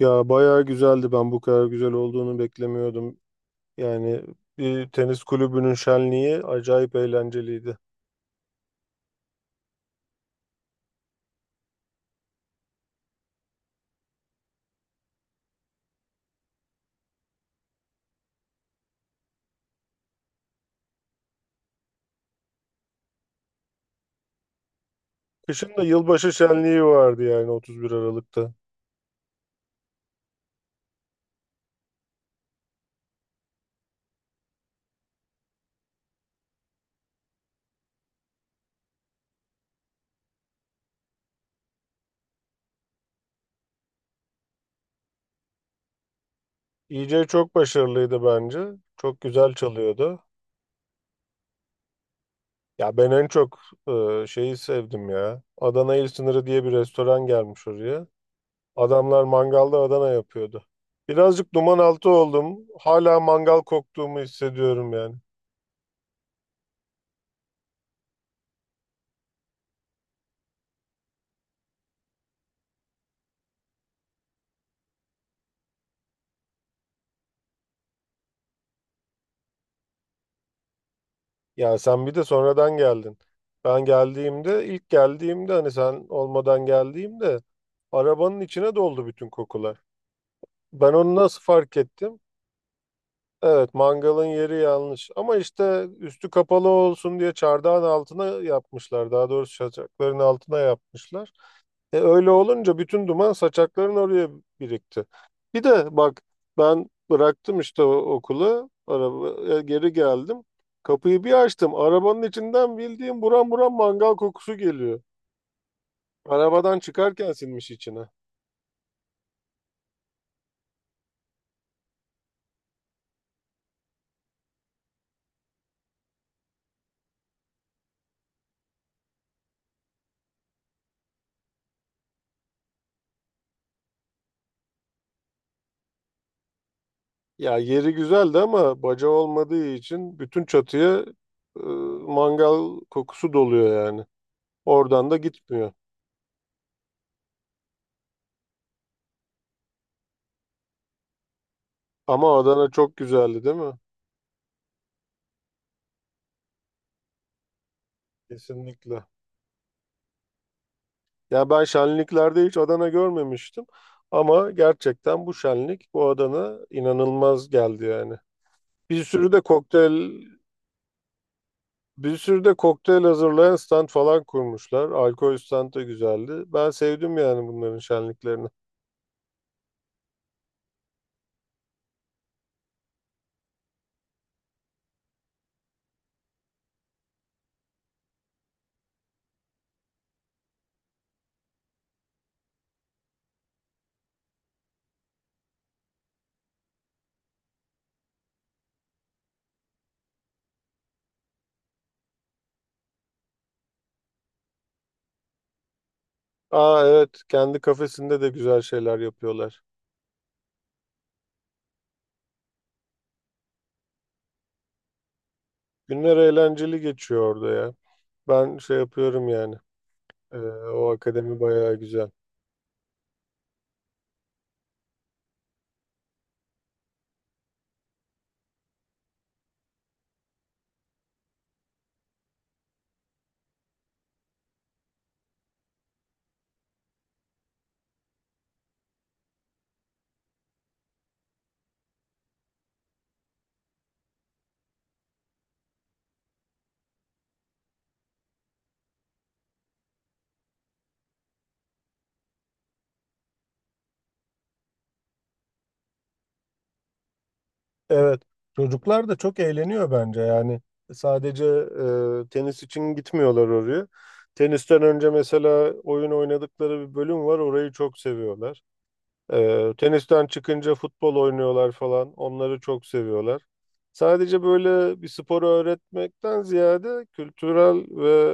Ya bayağı güzeldi. Ben bu kadar güzel olduğunu beklemiyordum. Yani bir tenis kulübünün şenliği acayip eğlenceliydi. Kışın da yılbaşı şenliği vardı yani 31 Aralık'ta. EJ çok başarılıydı bence. Çok güzel çalıyordu. Ya ben en çok şeyi sevdim ya. Adana İl Sınırı diye bir restoran gelmiş oraya. Adamlar mangalda Adana yapıyordu. Birazcık duman altı oldum. Hala mangal koktuğumu hissediyorum yani. Ya sen bir de sonradan geldin. Ben geldiğimde, ilk geldiğimde hani sen olmadan geldiğimde arabanın içine doldu bütün kokular. Ben onu nasıl fark ettim? Evet, mangalın yeri yanlış. Ama işte üstü kapalı olsun diye çardağın altına yapmışlar. Daha doğrusu çaçakların altına yapmışlar. E öyle olunca bütün duman saçakların oraya birikti. Bir de bak ben bıraktım işte o okulu, araba, geri geldim. Kapıyı bir açtım. Arabanın içinden bildiğim buram buram mangal kokusu geliyor. Arabadan çıkarken sinmiş içine. Ya yeri güzeldi ama baca olmadığı için bütün çatıya e, mangal kokusu doluyor yani. Oradan da gitmiyor. Ama Adana çok güzeldi, değil mi? Kesinlikle. Ya ben şenliklerde hiç Adana görmemiştim. Ama gerçekten bu şenlik, bu Adana inanılmaz geldi yani. Bir sürü de kokteyl bir sürü de kokteyl hazırlayan stand falan kurmuşlar. Alkol stand da güzeldi. Ben sevdim yani bunların şenliklerini. Aa evet, kendi kafesinde de güzel şeyler yapıyorlar. Günler eğlenceli geçiyor orada ya. Ben şey yapıyorum yani. Ee, O akademi bayağı güzel. Evet, çocuklar da çok eğleniyor bence yani sadece tenis için gitmiyorlar oraya. Tenisten önce mesela oyun oynadıkları bir bölüm var, orayı çok seviyorlar. E, tenisten çıkınca futbol oynuyorlar falan, onları çok seviyorlar. Sadece böyle bir sporu öğretmekten ziyade kültürel ve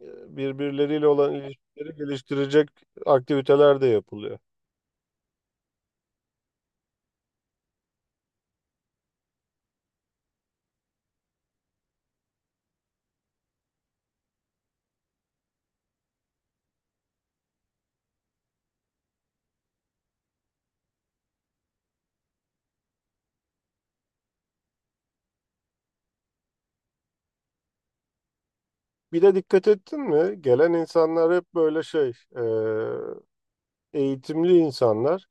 birbirleriyle olan ilişkileri geliştirecek aktiviteler de yapılıyor. Bir de dikkat ettin mi? Gelen insanlar hep böyle şey, eğitimli insanlar,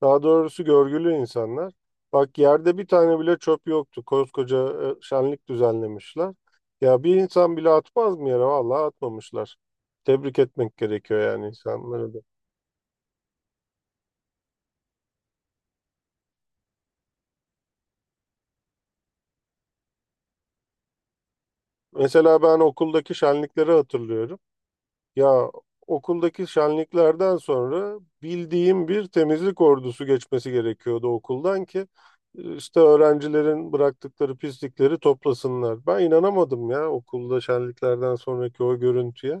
daha doğrusu görgülü insanlar. Bak, yerde bir tane bile çöp yoktu. Koskoca şenlik düzenlemişler. Ya bir insan bile atmaz mı yere? Vallahi atmamışlar. Tebrik etmek gerekiyor yani insanları da. Mesela ben okuldaki şenlikleri hatırlıyorum. Ya okuldaki şenliklerden sonra bildiğim bir temizlik ordusu geçmesi gerekiyordu okuldan ki işte öğrencilerin bıraktıkları pislikleri toplasınlar. Ben inanamadım ya okulda şenliklerden sonraki o görüntüye.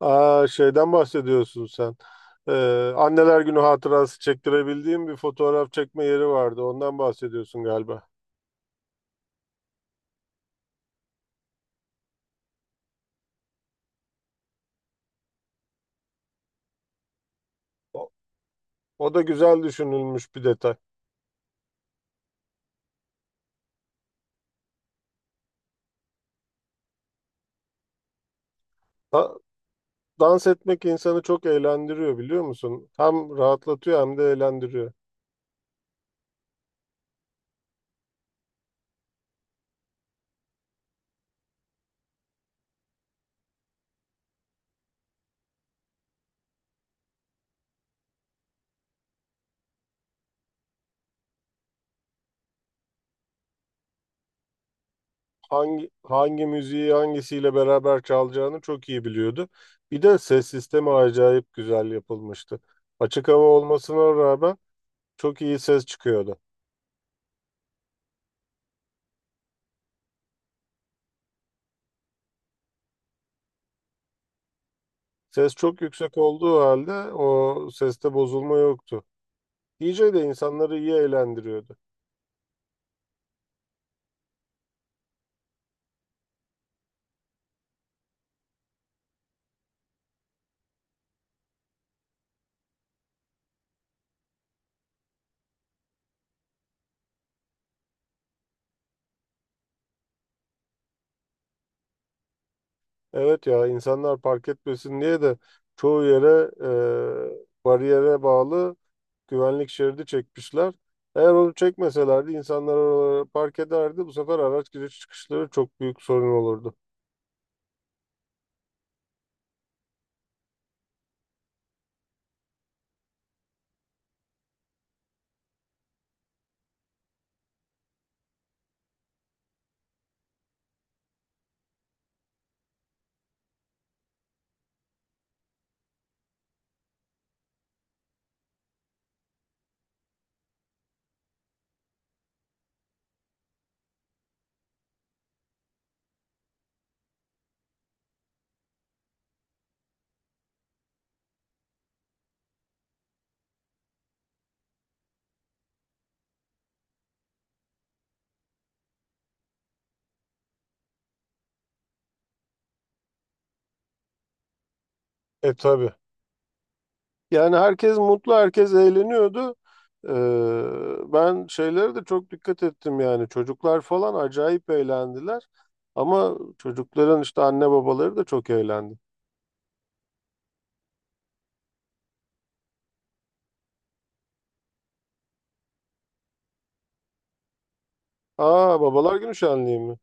Aa şeyden bahsediyorsun sen. Anneler Günü hatırası çektirebildiğim bir fotoğraf çekme yeri vardı. Ondan bahsediyorsun galiba. O, o da güzel düşünülmüş bir detay. Ha- Dans etmek insanı çok eğlendiriyor, biliyor musun? Hem rahatlatıyor hem de eğlendiriyor. Hangi müziği hangisiyle beraber çalacağını çok iyi biliyordu. Bir de ses sistemi acayip güzel yapılmıştı. Açık hava olmasına rağmen çok iyi ses çıkıyordu. Ses çok yüksek olduğu halde o seste bozulma yoktu. DJ de insanları iyi eğlendiriyordu. Evet ya, insanlar park etmesin diye de çoğu yere bariyere bağlı güvenlik şeridi çekmişler. Eğer onu çekmeselerdi insanlar oralara park ederdi. Bu sefer araç giriş çıkışları çok büyük sorun olurdu. E tabii. Yani herkes mutlu, herkes eğleniyordu. E, Ben şeylere de çok dikkat ettim yani. Çocuklar falan acayip eğlendiler. Ama çocukların işte anne babaları da çok eğlendi. Aa babalar günü şenliği mi?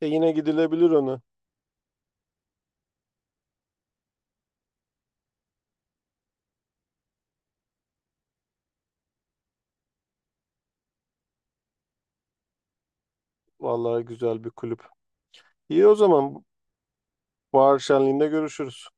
E yine gidilebilir ona. Vallahi güzel bir kulüp. İyi o zaman. Bahar Şenliği'nde görüşürüz.